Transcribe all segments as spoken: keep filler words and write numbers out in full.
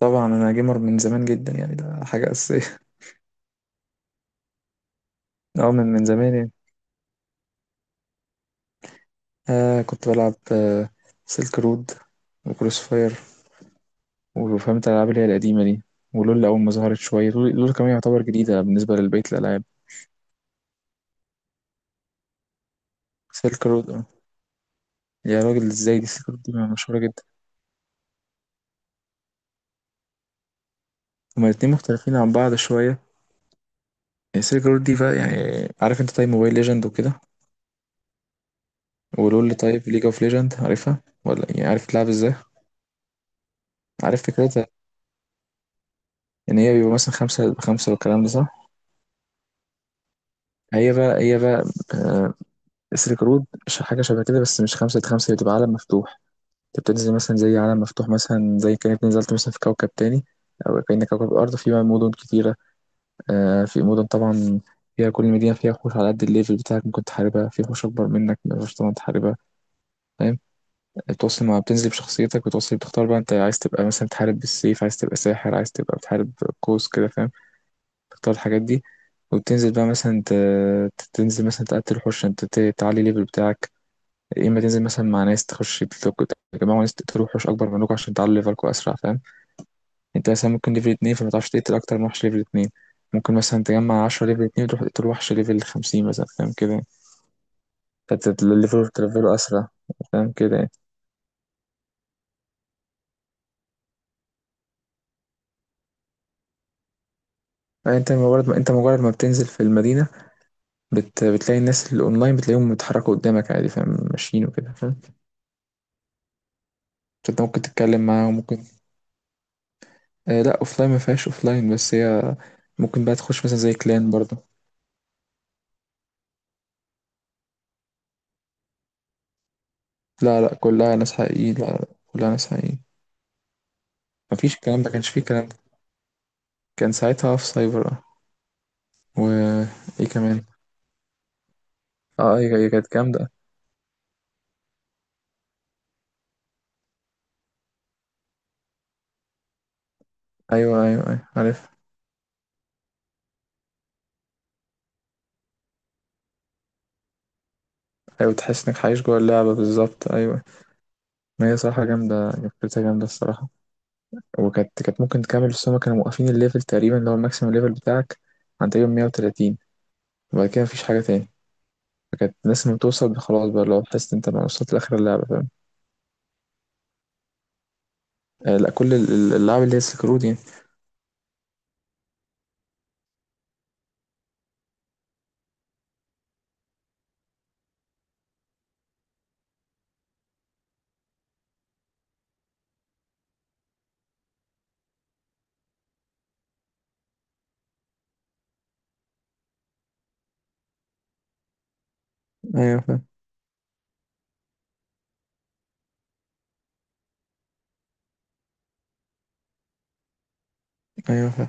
طبعا انا جيمر من زمان جدا، يعني ده حاجه اساسيه. اه، من من زمان يعني. آه كنت بلعب آه سيلك رود وكروس فاير، وفهمت الالعاب اللي هي القديمه دي. ولول اول ما ظهرت شويه، لول, لول كمان يعتبر جديده بالنسبه لبقيه الالعاب. سيلك رود، آه. يا راجل، ازاي؟ دي سيلك رود دي مشهوره جدا. هما الاتنين مختلفين عن بعض شويه. سيلك رود دي بقى يعني عارف انت طيب موبايل ليجند وكده؟ ولول، طيب ليج اوف ليجند عارفها، ولا يعني عارف تلعب ازاي؟ عارف فكرتها ان هي بيبقى مثلا خمسة خمسة والكلام ده، صح؟ هي بقى هي بقى آه، السلك رود ش- حاجة شبه كده، بس مش خمسة ضد خمسة، هي بتبقى عالم مفتوح. انت بتنزل مثلا زي عالم مفتوح، مثلا زي كأنك نزلت مثلا في كوكب تاني. أو كأن كوكب الأرض فيه بقى مدن كتيرة. آه، في مدن طبعا، فيها كل مدينة فيها وحوش على قد الليفل بتاعك، ممكن تحاربها، في وحوش أكبر منك مقدرش طبعا تحاربها، فاهم؟ بتوصل مع بتنزل بشخصيتك، بتوصل بتختار بقى، انت عايز تبقى مثلا تحارب بالسيف، عايز تبقى ساحر، عايز تبقى بتحارب قوس كده فاهم؟ تختار الحاجات دي. وتنزل بقى مثلا، ت- تنزل مثلا تقتل وحوش، انت ت- تعلي الليفل بتاعك. يا اما تنزل مثلا مع ناس تخش بتلوك، تجمعوا ناس تقتلوا وحوش اكبر منكم عشان تعلوا ليفلكم اسرع، فاهم؟ انت مثلا ممكن ليفل اتنين، فما تعرفش تقتل اكتر من وحش ليفل اتنين. ممكن مثلا تجمع عشرة ليفل اتنين وتروح تقتل وحش ليفل خمسين مثلا، فاهم كده؟ فتليفله تليفله اسرع، فاهم كده؟ يعني انت مجرد ما انت مجرد ما بتنزل في المدينة، بت... بتلاقي الناس اللي اونلاين، بتلاقيهم بيتحركوا قدامك عادي، فاهم؟ ماشيين وكده، فاهم؟ فانت ممكن تتكلم معاهم، ممكن. آه لا، اوفلاين ما فيهاش اوفلاين، بس هي ممكن بقى تخش مثلا زي كلان برضه. لا لا، كلها ناس حقيقيين، لا لا، كلها ناس حقيقيين. مفيش الكلام ده، كانش فيه الكلام ده. كان ساعتها في سايبر، اه. وايه كمان. اه ايوه، هي كانت جامدة. ايوه ايوه ايوه، عارف. ايوه، تحس انك عايش جوه اللعبة بالظبط، ايوه. ما هي صراحة جامدة، فكرتها جامدة الصراحة. وكانت كانت ممكن تكمل، بس هما كانوا موقفين الليفل تقريبا اللي هو الماكسيمم ليفل بتاعك عند تقريبا مية وتلاتين. وبعد كده مفيش حاجة تاني. فكانت الناس لما بتوصل خلاص بقى، لو تحس إن انت ما وصلت لاخر اللعبة، فاهم؟ آه لا، كل ال- ال- اللعبة اللي هي سكرود يعني. ايوه، فاهم. ايوه، فاهم.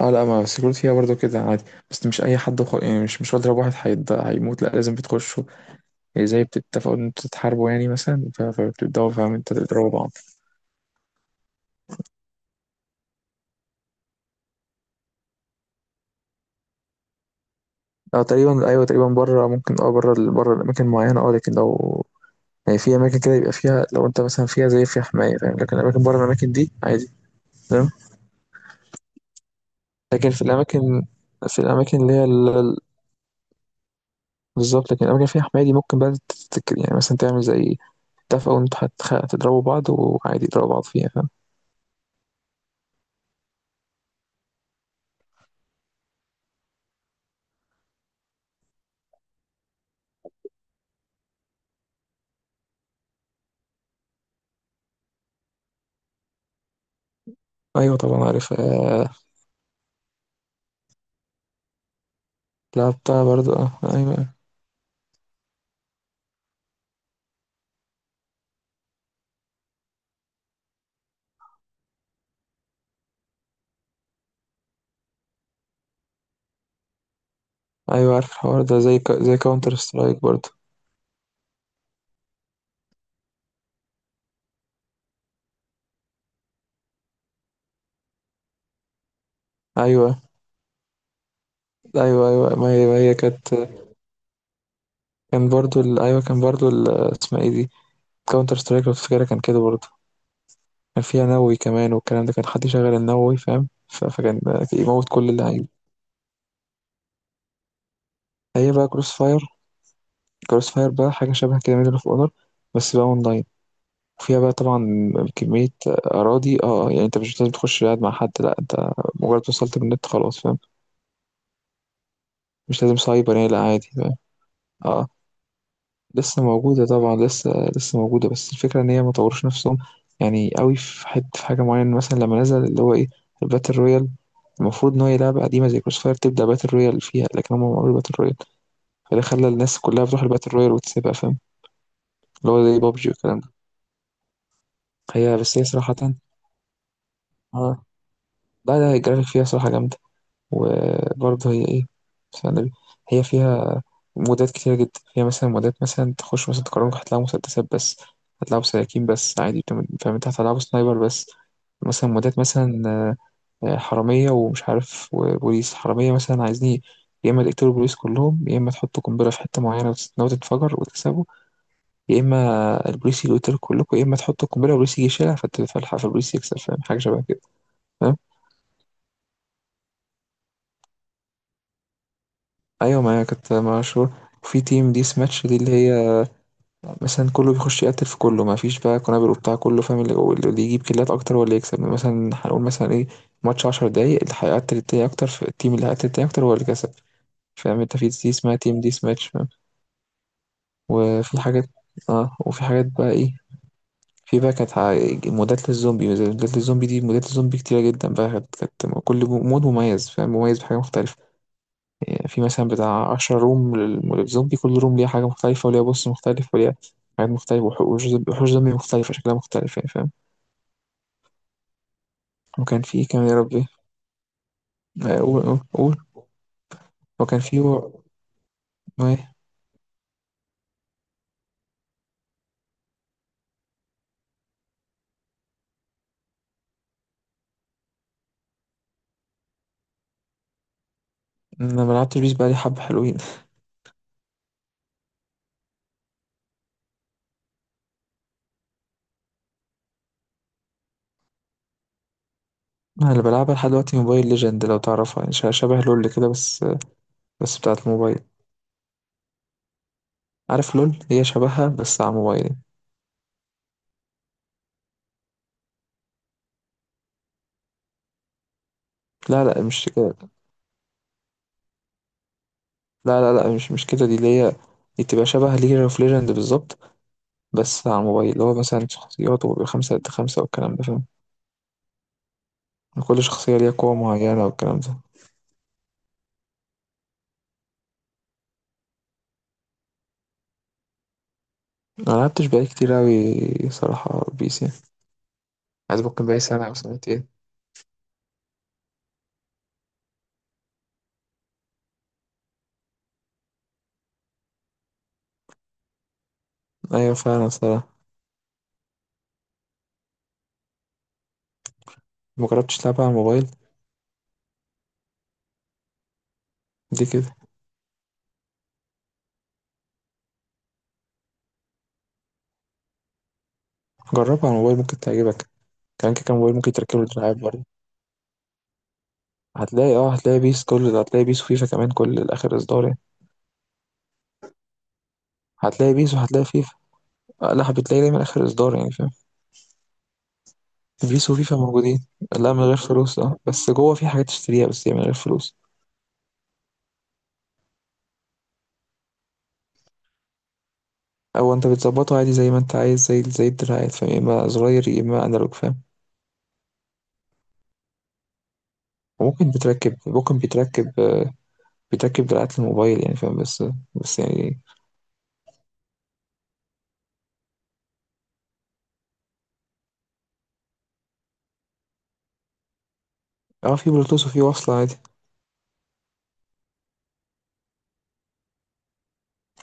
اه لا، ما السكيورتي فيها برضه كده عادي. بس مش اي حد خ... يعني، مش مش بضرب واحد هيض... هيموت، لا، لازم بتخشوا، يعني زي بتتفقوا ان انتوا تتحاربوا، يعني مثلا، ف- فبتبداوا فاهم انت تضربوا بعض. اه تقريبا، ايوه تقريبا، بره ممكن، اه بره ال- بره الاماكن معينه، اه. لكن لو يعني في اماكن كده، يبقى فيها لو انت مثلا فيها زي فيها حمايه، فاهم؟ لكن الاماكن بره الاماكن دي عادي. تمام. لكن في الاماكن، في الاماكن اللي هي ال- ال- بالظبط، لكن الاماكن اللي فيها حمايه دي ممكن بقى تتك... يعني مثلا تعمل زي اتفقوا ان انتوا هتخ- هتضربوا بعض، وعادي يضربوا بعض فيها، فاهم؟ ايوه طبعا، عارف آه. لعبتها برضو، اه ايوه. ايوه عارف الحوار ده، زي ك... زي كاونتر سترايك برضو. ايوه ايوه ايوه، ما هي ما هي كانت. كان برضو ال... ايوه، كان برضو ال... اسمها ايه دي، كاونتر سترايك لو تفتكرها، كان كده برضو. كان فيها نووي كمان والكلام ده، كان حد يشغل النووي فاهم، ف... فكان يموت كل اللعيبه. هي بقى كروس فاير. كروس فاير بقى حاجه شبه كده، ميدل اوف اونر، بس بقى اونلاين. وفيها بقى طبعا كمية أراضي، اه آه، يعني انت مش لازم تخش قاعد مع حد، لا، انت مجرد وصلت بالنت خلاص، فاهم؟ مش لازم سايبر يعني، لا، عادي بقى. اه، لسه موجودة طبعا، لسه. لسه موجودة، بس الفكرة ان هي ما طوروش نفسهم يعني قوي في حتة، في حاجة معينة مثلا لما نزل اللي هو ايه، الباتل رويال. المفروض ان هي لعبة قديمة زي كروس فاير تبدأ باتل رويال فيها، لكن هم ما عملوا باتل رويال. فده خلى الناس كلها بتروح الباتل رويال وتسيبها، فاهم؟ اللي هو زي بابجي والكلام ده. هي بس، هي صراحة، اه، لا لا، الجرافيك فيها صراحة جامدة. وبرضه هي ايه، بسم الله النبي، هي فيها مودات كتيرة جدا، فيها مثلا مودات، مثلا تخش مثلا تقرنك هتلاقي مسدسات بس، هتلاقوا سكاكين بس عادي، بتم- فاهم؟ انت هتلعبوا سنايبر بس. مثلا مودات مثلا آه، آه، حرامية ومش عارف، وبوليس حرامية مثلا، عايزين يا إما تقتلوا البوليس كلهم، يا إما تحطوا قنبلة في حتة معينة وتتناول تتفجر وتكسبوا، يا إما البوليس اللي يقتلوا كلكم يا إما تحطوا القنبلة والبوليس يجي يشيلها فت- فالح- فالبوليس يكسب، فاهم؟ حاجة شبه كده، فاهم؟ أيوة، ما هي كانت مشهورة في تيم ديس ماتش دي، اللي هي مثلًا كله بيخش يقتّل في كله، ما فيش بقى قنابل وبتاع، كله فاهم اللي هو اللي يجيب كيلات أكتر هو اللي يكسب. مثلًا هنقول مثلًا إيه، ماتش عشر دقايق، اللي هيقتّل التاني أكتر، ف الteam اللي هيقتّل التاني أكتر هو اللي كسب. فاهم أنت؟ في دي اسمها team death match، فاهم؟ وفي حاجات، آه، وفي حاجات بقى إيه، في بقى كانت ع مودات للزومبي، مودات للزومبي دي، مودات الزومبي كتيرة جدًا بقى، كانت كانت كل مود مميز فاهم، مميز بحاجة مختلفة. كان في مثلا بتاع عشرة روم لل- للزومبي، كل روم ليها حاجة مختلفة وليها بوس مختلف وليها حاجات مختلفة، وح- وحوش زومبي وحوش زومبي مختلفة، شكلها مختلف يعني، فاهم؟ وكان في إيه كمان، يا ربي. آه، قول قول قول. وكان في و... ما إيه؟ أنا ملعبتش بيس بقالي حبة حلوين. أنا اللي بلعبها لحد دلوقتي موبايل ليجند، لو تعرفها يعني، ش- شبه لول كده بس. بس بتاعة الموبايل. عارف لول، هي شبهها بس على موبايل. لا لا، مش كده. لا لا لا، مش مش كده. دي اللي هي، دي تبقى شبه ليج اوف ليجند بالظبط، بس على الموبايل. اللي هو مثلا شخصيات، وبيبقى خمسة ضد خمسة والكلام ده، فاهم؟ كل شخصية ليها قوة معينة والكلام ده. أنا ملعبتش بقالي كتير أوي صراحة بيس يعني. عايز، ممكن بقالي سنة أو سنتين. أيوة فعلا، صراحة. مجربتش تلعبها على الموبايل؟ دي كده. جربها على الموبايل، ممكن تعجبك. كان كده، كان موبايل ممكن تركبه وتلعب برضه. هتلاقي، اه هتلاقي بيس، كل، هتلاقي بيس وفيفا كمان، كل آخر إصدار يعني. هتلاقي بيس وهتلاقي فيفا. آه، لا، بتلاقي دايما آخر إصدار، يعني فاهم؟ بيس وفيفا موجودين. لا، من غير فلوس، اه، بس جوه في حاجات تشتريها، بس هي من غير فلوس. او انت بتظبطه عادي زي ما انت عايز، زي زي الدراعات فاهم، يا اما زراير يا اما انالوج، فاهم؟ وممكن بتركب، ممكن بتركب آه، بتركب دراعات للموبايل يعني، فاهم؟ بس، بس يعني، اه، في بلوتوث وفي وصلة عادي.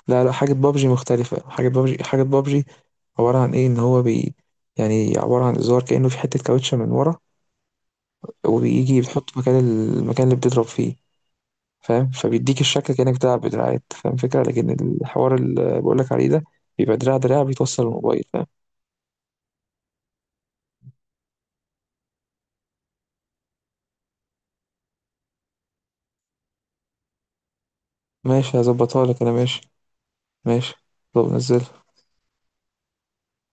لا لا، حاجة بابجي مختلفة. حاجة بابجي، حاجة بابجي عبارة عن ايه، ان هو بي يعني عبارة عن زرار كأنه في حتة كاوتشة من ورا، وبيجي بتحط مكان، المكان اللي بتضرب فيه، فاهم؟ فبيديك الشكل كأنك بتلعب بدراعات، فاهم فكرة؟ لكن الحوار اللي بقولك عليه ده بيبقى دراع دراع بيتوصل للموبايل، فاهم؟ ماشي، هظبطها لك انا، ماشي. ماشي. طب نزل.